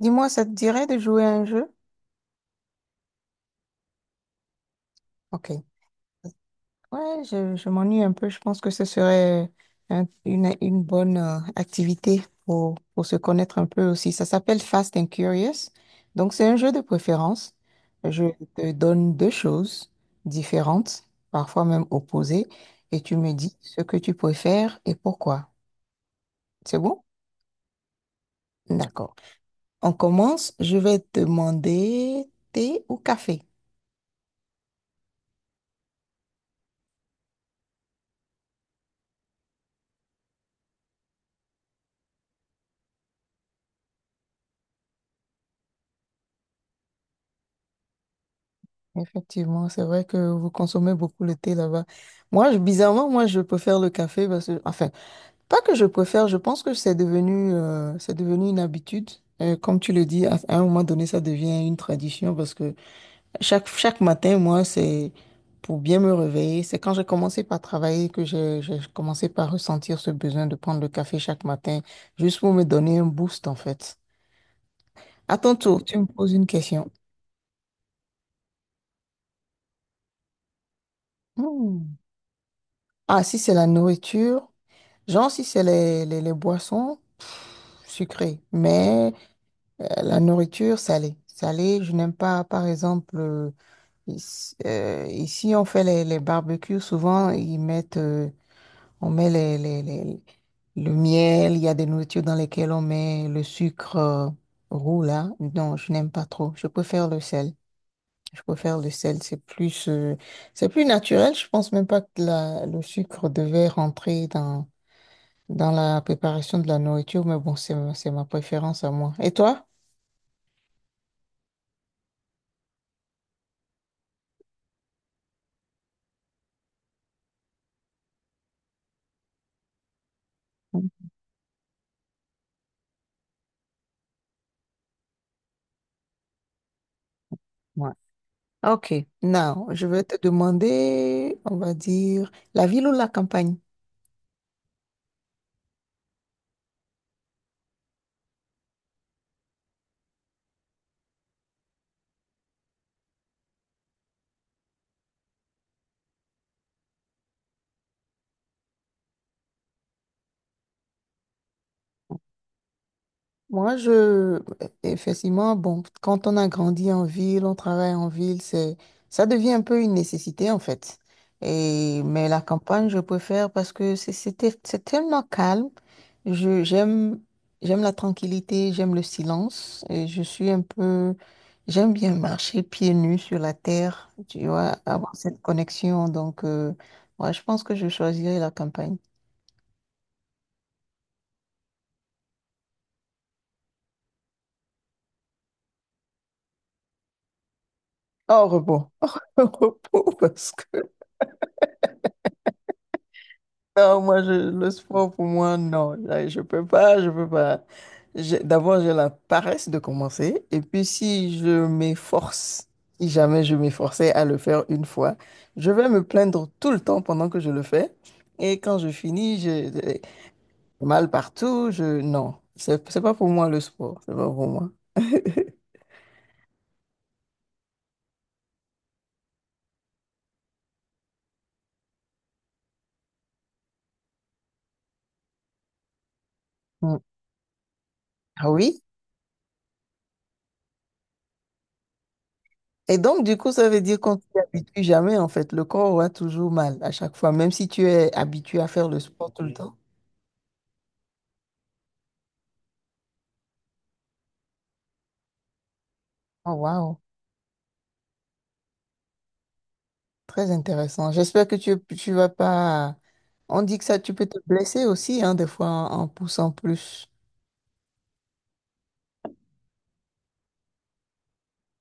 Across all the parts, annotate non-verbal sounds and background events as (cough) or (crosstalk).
Dis-moi, ça te dirait de jouer à un jeu? Ok. Ouais, je m'ennuie un peu. Je pense que ce serait une bonne activité pour se connaître un peu aussi. Ça s'appelle Fast and Curious. Donc, c'est un jeu de préférence. Je te donne deux choses différentes, parfois même opposées, et tu me dis ce que tu préfères et pourquoi. C'est bon? D'accord. On commence. Je vais te demander thé ou café. Effectivement, c'est vrai que vous consommez beaucoup le thé là-bas. Moi, bizarrement, moi, je préfère le café parce que, enfin, pas que je préfère, je pense que c'est devenu une habitude. Comme tu le dis, à un moment donné, ça devient une tradition parce que chaque matin, moi, c'est pour bien me réveiller. C'est quand j'ai commencé par travailler que j'ai commencé par ressentir ce besoin de prendre le café chaque matin, juste pour me donner un boost, en fait. À ton tour, tu me poses une question. Hmm. Ah, si c'est la nourriture. Genre, si c'est les boissons sucrées, mais la nourriture salée. Salée, je n'aime pas, par exemple, ici, ici, on fait les barbecues, souvent ils mettent, on met le miel, il y a des nourritures dans lesquelles on met le sucre roux, là. Non, je n'aime pas trop. Je préfère le sel. Je préfère le sel, c'est plus naturel. Je pense même pas que le sucre devait rentrer dans dans la préparation de la nourriture, mais bon, c'est ma préférence à moi. Et toi? Mm. Ouais. Ok. Now, je vais te demander, on va dire, la ville ou la campagne? Moi, je, effectivement, bon, quand on a grandi en ville, on travaille en ville, c'est, ça devient un peu une nécessité, en fait. Et, mais la campagne, je préfère parce que c'est tellement calme. J'aime, j'aime la tranquillité, j'aime le silence. Et je suis un peu, j'aime bien marcher pieds nus sur la terre, tu vois, avoir cette connexion. Donc, ouais, je pense que je choisirais la campagne. Au repos. (laughs) Au repos, parce que. Non, moi, je, le sport, pour moi, non. Là, je peux pas, je peux pas. D'abord, j'ai la paresse de commencer. Et puis, si je m'efforce, si jamais je m'efforçais à le faire une fois, je vais me plaindre tout le temps pendant que je le fais. Et quand je finis, j'ai mal partout. Je... Non, c'est pas pour moi le sport. C'est pas pour moi. Mm. Ah oui? Et donc, du coup, ça veut dire qu'on ne s'y habitue jamais, en fait. Le corps aura toujours mal à chaque fois, même si tu es habitué à faire le sport tout le temps. Oh, waouh. Très intéressant. J'espère que tu vas pas. On dit que ça, tu peux te blesser aussi, hein, des fois en poussant plus.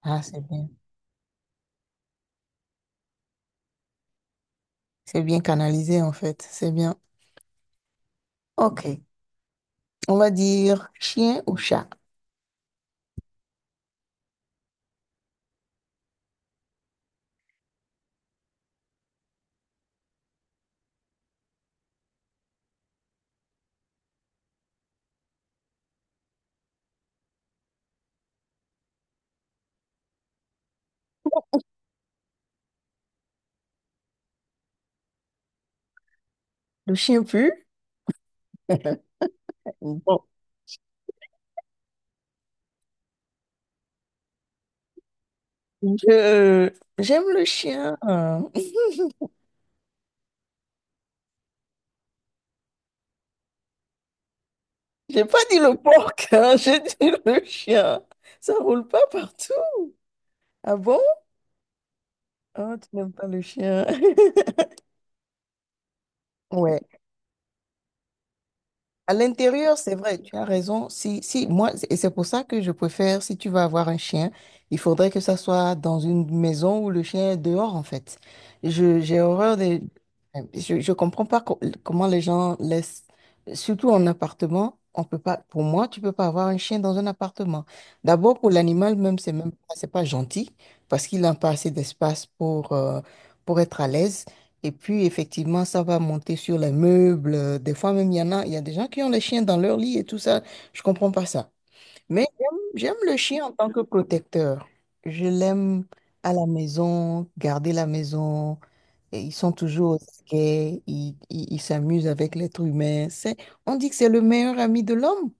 Ah, c'est bien. C'est bien canalisé, en fait. C'est bien. OK. On va dire chien ou chat. Le chien pue. (laughs) Bon. Je, j'aime le chien. (laughs) J'ai pas dit le porc, hein, (laughs) j'ai dit le chien. Ça roule pas partout. Ah bon? Ah, tu n'aimes pas le chien. (laughs) Ouais. À l'intérieur, c'est vrai, tu as raison. Si, si, moi, et c'est pour ça que je préfère, si tu vas avoir un chien, il faudrait que ça soit dans une maison où le chien est dehors, en fait. J'ai horreur des, je comprends pas comment les gens laissent, surtout en appartement, on peut pas, pour moi, tu peux pas avoir un chien dans un appartement. D'abord, pour l'animal même, c'est même pas, c'est pas gentil parce qu'il n'a pas assez d'espace pour être à l'aise. Et puis, effectivement, ça va monter sur les meubles. Des fois, même, il y en a, il y a des gens qui ont les chiens dans leur lit et tout ça. Je comprends pas ça. Mais j'aime le chien en tant que protecteur. Je l'aime à la maison, garder la maison. Et ils sont toujours au taquet, ils s'amusent avec l'être humain. C'est, on dit que c'est le meilleur ami de l'homme.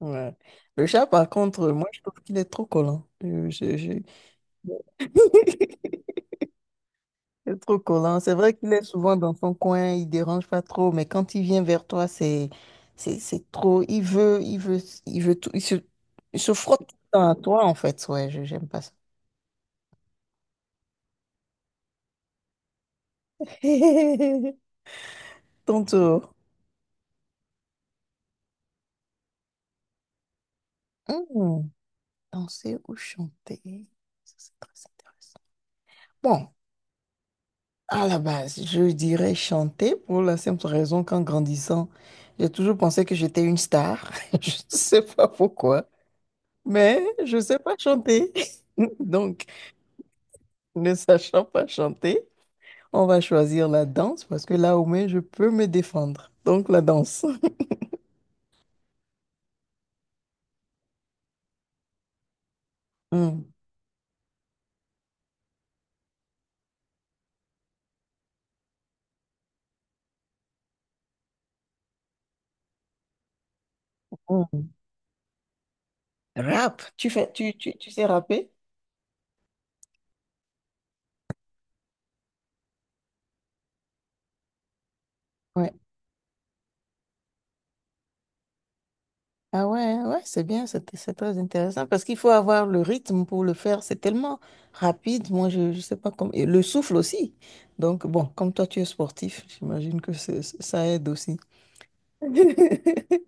Ouais. Le chat, par contre, moi, je trouve qu'il est trop collant. (laughs) C'est trop collant. C'est vrai qu'il est souvent dans son coin, il dérange pas trop, mais quand il vient vers toi, c'est trop. Il veut tout. Il se frotte tout le temps à toi, en fait. Ouais, je j'aime pas ça. (laughs) Ton tour. Hmm, danser ou chanter? Ça, c'est très intéressant. Bon, à la base, je dirais chanter pour la simple raison qu'en grandissant, j'ai toujours pensé que j'étais une star. (laughs) Je ne sais pas pourquoi, mais je ne sais pas chanter. (laughs) Donc, ne sachant pas chanter, on va choisir la danse parce que là au moins je peux me défendre. Donc la danse. Hmm. Mm. Rap, tu fais, tu sais rapper? Ouais. Ah ouais, hein, ouais, c'est bien, c'est très intéressant parce qu'il faut avoir le rythme pour le faire. C'est tellement rapide, je sais pas comment. Et le souffle aussi. Donc bon, comme toi tu es sportif, j'imagine que ça aide aussi. (laughs)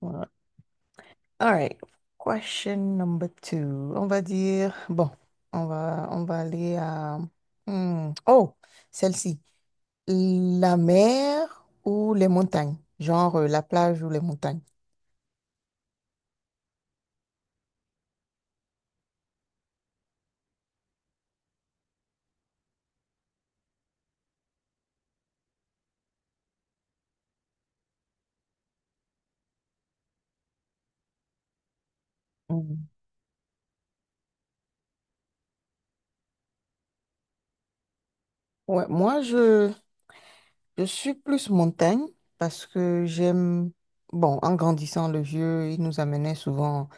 Ouais. All right. Question number two. On va dire, bon, on va aller à... Hmm, oh, celle-ci. La mer ou les montagnes? Genre la plage ou les montagnes? Mm. Ouais, moi, je suis plus montagne parce que j'aime, bon, en grandissant, le vieux, il nous amenait souvent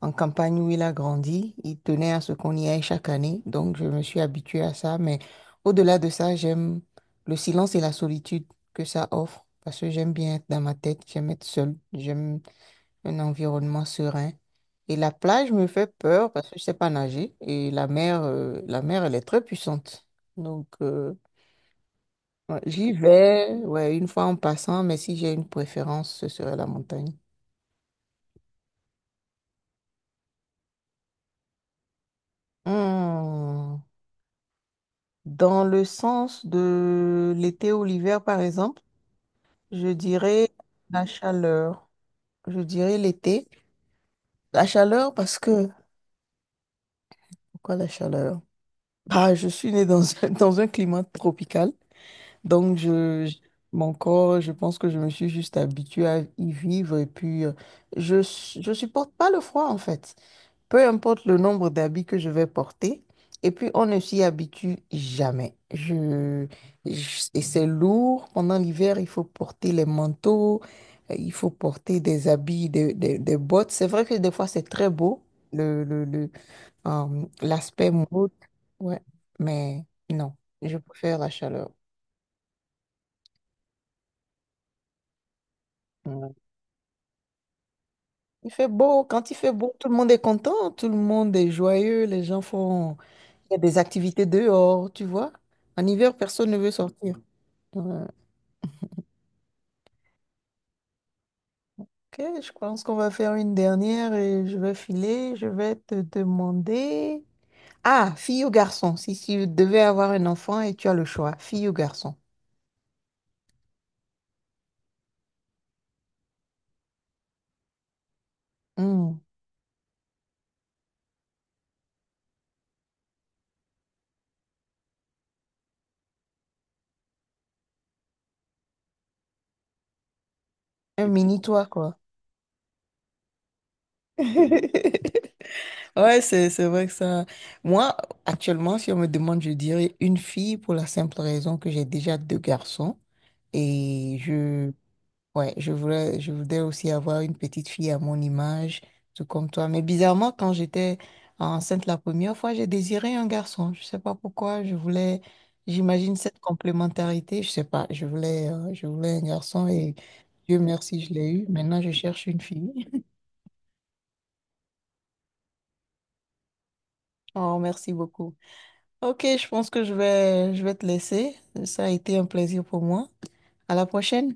en campagne où il a grandi. Il tenait à ce qu'on y aille chaque année. Donc, je me suis habituée à ça. Mais au-delà de ça, j'aime le silence et la solitude que ça offre parce que j'aime bien être dans ma tête, j'aime être seule, j'aime un environnement serein. Et la plage me fait peur parce que je sais pas nager et la mer, elle est très puissante. Donc, ouais, j'y vais, ouais, une fois en passant, mais si j'ai une préférence, ce serait la montagne. Hmm, dans le sens de l'été ou l'hiver, par exemple, je dirais la chaleur. Je dirais l'été. La chaleur parce que... Pourquoi la chaleur? Ah, je suis née dans un, (laughs) dans un climat tropical. Donc, mon corps, je pense que je me suis juste habituée à y vivre. Et puis, je supporte pas le froid, en fait. Peu importe le nombre d'habits que je vais porter. Et puis, on ne s'y habitue jamais. Et c'est lourd. Pendant l'hiver, il faut porter les manteaux, il faut porter des habits, des bottes. C'est vrai que des fois, c'est très beau, le, le, le, l'aspect mode. Ouais. Mais non, je préfère la chaleur. Ouais. Il fait beau. Quand il fait beau, tout le monde est content, tout le monde est joyeux, les gens font... Il y a des activités dehors, tu vois. En hiver, personne ne veut sortir. Ouais. Ok, je pense qu'on va faire une dernière et je vais filer. Je vais te demander. Ah, fille ou garçon, si tu devais avoir un enfant et tu as le choix, fille ou garçon. Hmm, un mini-toi, quoi. (laughs) Ouais, c'est vrai que ça. Moi, actuellement, si on me demande, je dirais une fille pour la simple raison que j'ai déjà deux garçons. Et je ouais, je voudrais aussi avoir une petite fille à mon image, tout comme toi. Mais bizarrement, quand j'étais enceinte la première fois, j'ai désiré un garçon. Je sais pas pourquoi. Je voulais, j'imagine cette complémentarité. Je sais pas. Je voulais un garçon et Dieu merci, je l'ai eu. Maintenant, je cherche une fille. (laughs) Oh, merci beaucoup. Ok, je pense que je vais te laisser. Ça a été un plaisir pour moi. À la prochaine.